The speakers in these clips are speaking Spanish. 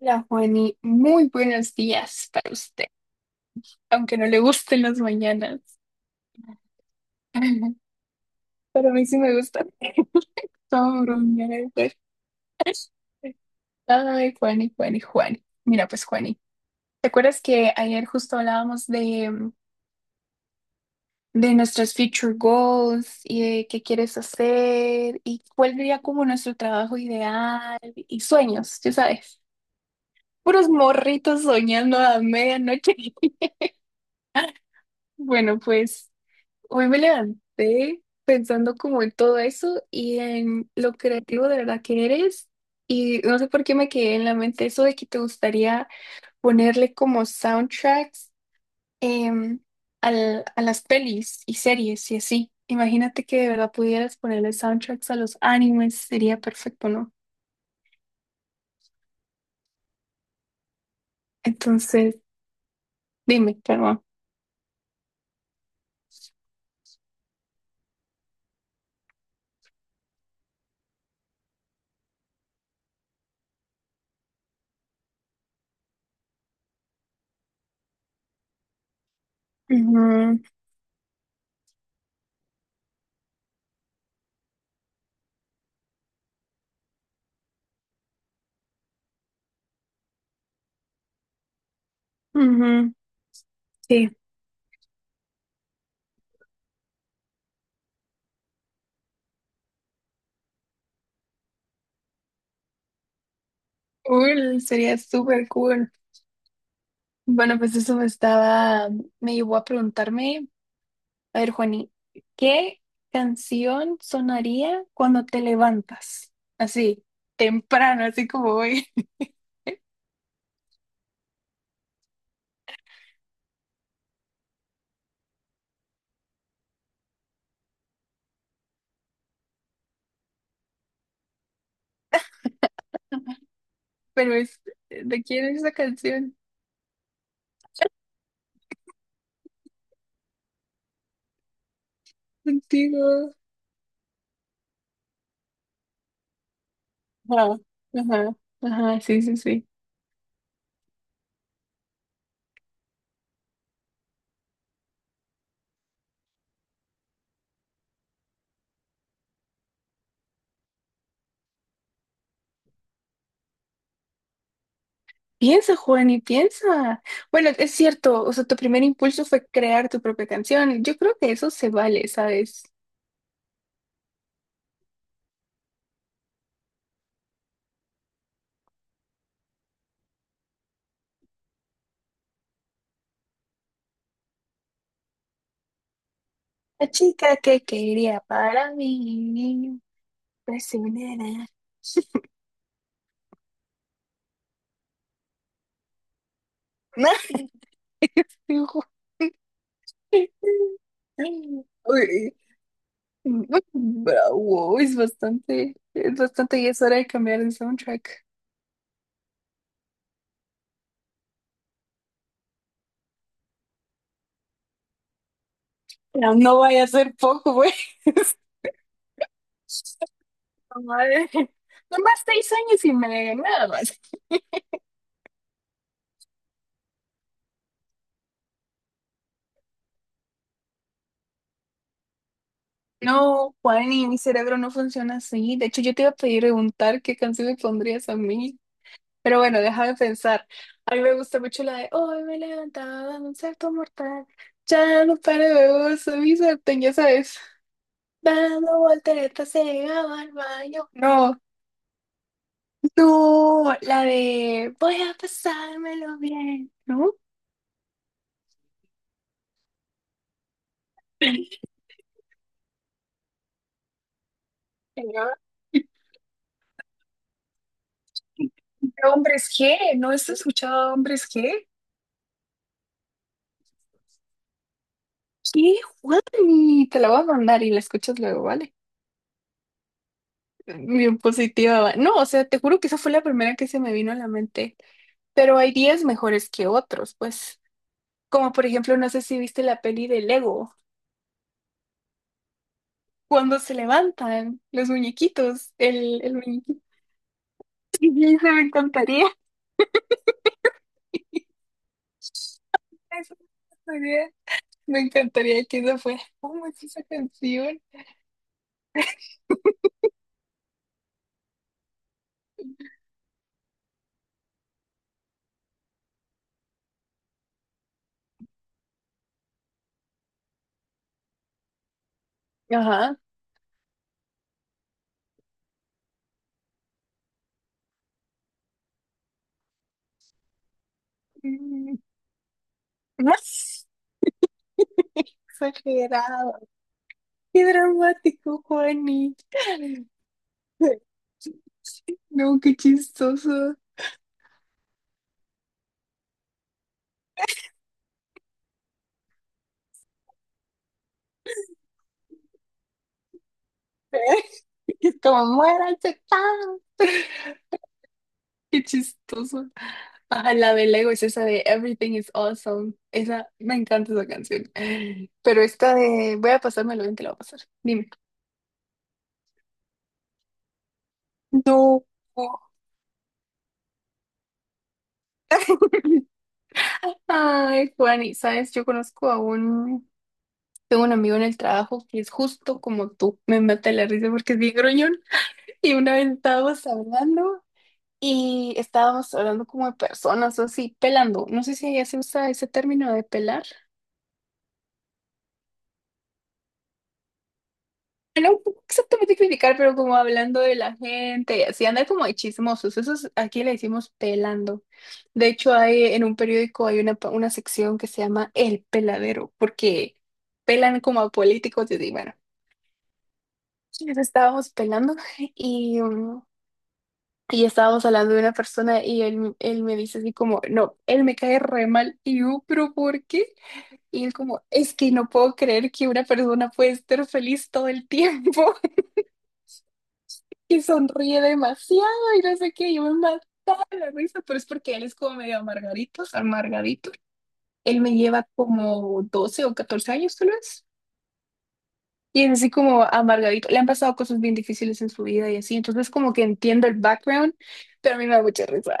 Hola, Juani, muy buenos días para usted, aunque no le gusten las mañanas. Pero a mí sí me gustan. Todo bromear, pues. Ay, Juani, Juani, Juani. Mira, pues, Juani, ¿te acuerdas que ayer justo hablábamos de, de nuestros future goals y de qué quieres hacer y cuál sería como nuestro trabajo ideal y sueños, ya sabes? Puros morritos soñando a medianoche. Bueno, pues. Hoy me levanté pensando como en todo eso y en lo creativo de verdad que eres. Y no sé por qué me quedé en la mente eso de que te gustaría ponerle como soundtracks em, a las pelis y series y así. Imagínate que de verdad pudieras ponerle soundtracks a los animes, sería perfecto, ¿no? Entonces, dime, perdón. Ujú, ujú, sí. Cool, sería súper cool. Bueno, pues me llevó a preguntarme. A ver, Juani, ¿qué canción sonaría cuando te levantas? Así, temprano, así como hoy. Pero es, ¿de quién es esa canción? Contigo. Ajá, ajá, ajá, sí, sí, sí. Piensa, Juani, piensa. Bueno, es cierto, o sea, tu primer impulso fue crear tu propia canción. Yo creo que eso se vale, ¿sabes? La chica que quería para mí, prisionera. Uy, bravo, es bastante y es hora de cambiar el soundtrack. No, no vaya a ser poco, güey. Madre. Nomás 6 años y me nada más. No, Juan, y mi cerebro no funciona así. De hecho, yo te iba a pedir preguntar qué canción me pondrías a mí. Pero bueno, déjame pensar. A mí me gusta mucho la de Hoy me levantaba de un salto mortal. Ya no paro de vos, mi sartén, ya sabes. Dando volteretas se llegaba al baño. No, no, la de voy a pasármelo bien, ¿no? Señor, hombres G, ¿no has escuchado hombres G? ¿Qué, Juan? Te la voy a mandar y la escuchas luego, ¿vale? Bien positiva. Va. No, o sea, te juro que esa fue la primera que se me vino a la mente. Pero hay días mejores que otros, pues. Como por ejemplo, no sé si viste la peli de Lego, cuando se levantan los muñequitos, el muñequito. Y dice, me encantaría. Eso me encantaría. Me encantaría que eso fuera como es esa canción. Ajá. Mm, más exagerado. Qué dramático, Juani. No, qué chistoso. Es como muera chacán. Qué chistoso. Ajá, la de Lego es esa de Everything is Awesome. Esa, me encanta esa canción. Pero esta de voy a pasármelo bien, te la voy a pasar. Dime. No. Ay, Juan, y sabes, yo conozco a un, tengo un amigo en el trabajo que es justo como tú, me mata la risa porque es bien gruñón, y una vez estábamos hablando y estábamos hablando como de personas o así, pelando, no sé si allá se usa ese término de pelar. Bueno, no exactamente criticar, pero como hablando de la gente, y así anda como de chismosos, aquí le decimos pelando. De hecho, hay en un periódico hay una, una sección que se llama El Peladero, porque pelan como a políticos y así, bueno. Nos estábamos pelando y, y estábamos hablando de una persona y él me dice así como, no, él me cae re mal y yo, pero ¿por qué? Y él como, es que no puedo creer que una persona puede estar feliz todo el tiempo y sonríe demasiado y no sé qué, yo me mataba de la risa, pero es porque él es como medio amargadito, amargadito. Él me lleva como 12 o 14 años tal vez. Y es así como amargadito. Le han pasado cosas bien difíciles en su vida y así. Entonces como que entiendo el background, pero a mí me da mucha risa.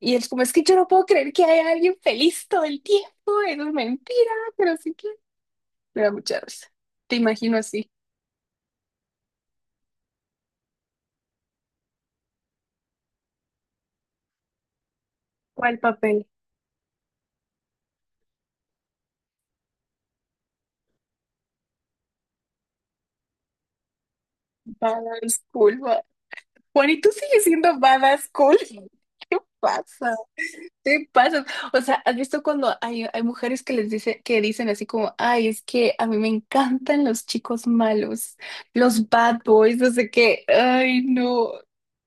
Y es como, es que yo no puedo creer que haya alguien feliz todo el tiempo. Eso es mentira, pero sí que me da mucha risa. Te imagino así. ¿Cuál papel? Badass cool. Juan, ¿y tú sigues siendo badass cool? ¿Qué pasa? Te pasas. O sea, ¿has visto cuando hay mujeres que que dicen así como, ay, es que a mí me encantan los chicos malos, los bad boys, no sé qué, ay, no.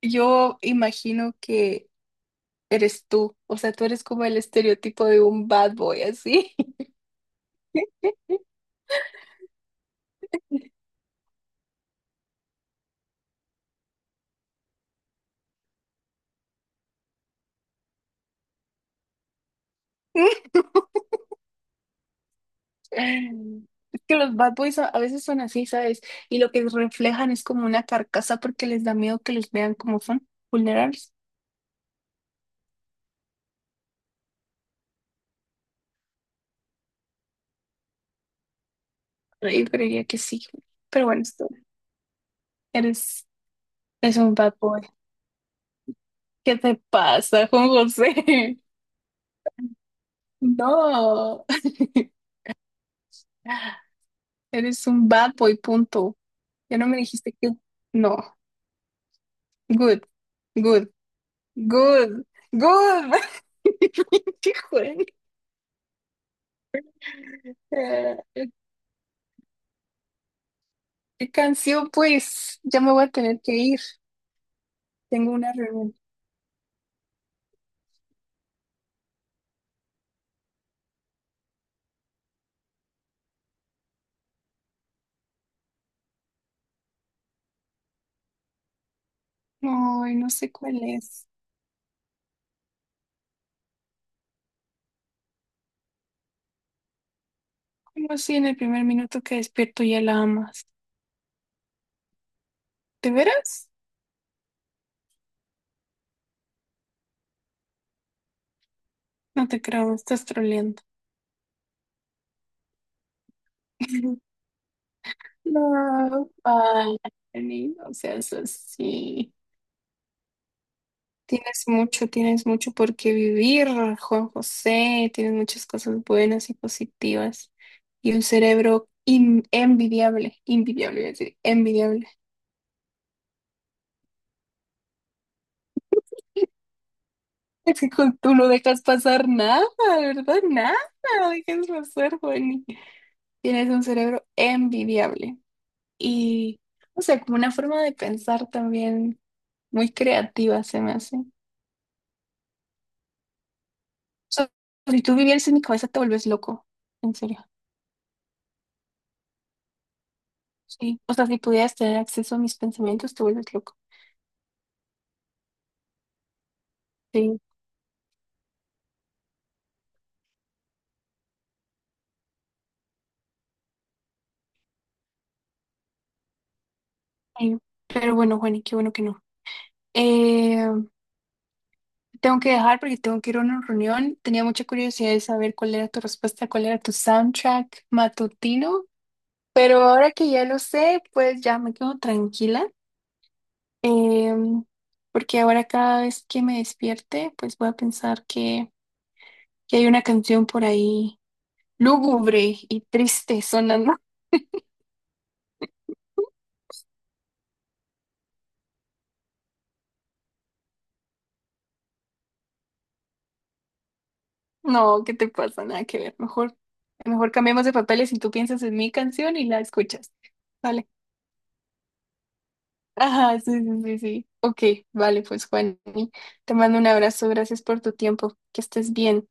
Yo imagino que eres tú. O sea, tú eres como el estereotipo de un bad boy, así. Es que los bad boys a veces son así, ¿sabes? Y lo que reflejan es como una carcasa porque les da miedo que los vean como son, vulnerables. Yo creería que sí. Pero bueno, esto eres. Es un bad boy. ¿Qué te pasa, Juan José? No. Eres un bad boy, punto. Ya no me dijiste que... No. Good. Good. Good. Good. Pinche Juan. Eh, ¿Qué canción, pues? Ya me voy a tener que ir. Tengo una reunión. Ay, no sé cuál es. ¿Cómo así en el primer minuto que despierto ya la amas? ¿De veras? No te creo, me estás troleando. No, ay, Jenny, no seas así. Tienes mucho por qué vivir, Juan José. Tienes muchas cosas buenas y positivas. Y un cerebro envidiable, envidiable, iba a decir, envidiable. Es que tú no dejas pasar nada, ¿verdad? Nada, no dejas pasar, Juani. Tienes un cerebro envidiable. Y, o sea, como una forma de pensar también muy creativa se me hace. Sea, si tú vivieras en mi cabeza, te vuelves loco. En serio. Sí. O sea, si pudieras tener acceso a mis pensamientos, te vuelves loco. Sí, sí. Pero bueno, Juani, qué bueno que no. Eh, tengo que dejar porque tengo que ir a una reunión. Tenía mucha curiosidad de saber cuál era tu respuesta, cuál era tu soundtrack matutino. Pero ahora que ya lo sé, pues ya me quedo tranquila. Em, porque ahora cada vez que me despierte, pues voy a pensar que hay una canción por ahí lúgubre y triste sonando. No, ¿qué te pasa? Nada que ver. Mejor, mejor cambiemos de papeles y tú piensas en mi canción y la escuchas. Vale. Ajá, sí, sí, sí, sí. Ok, vale, pues Juan, te mando un abrazo. Gracias por tu tiempo. Que estés bien.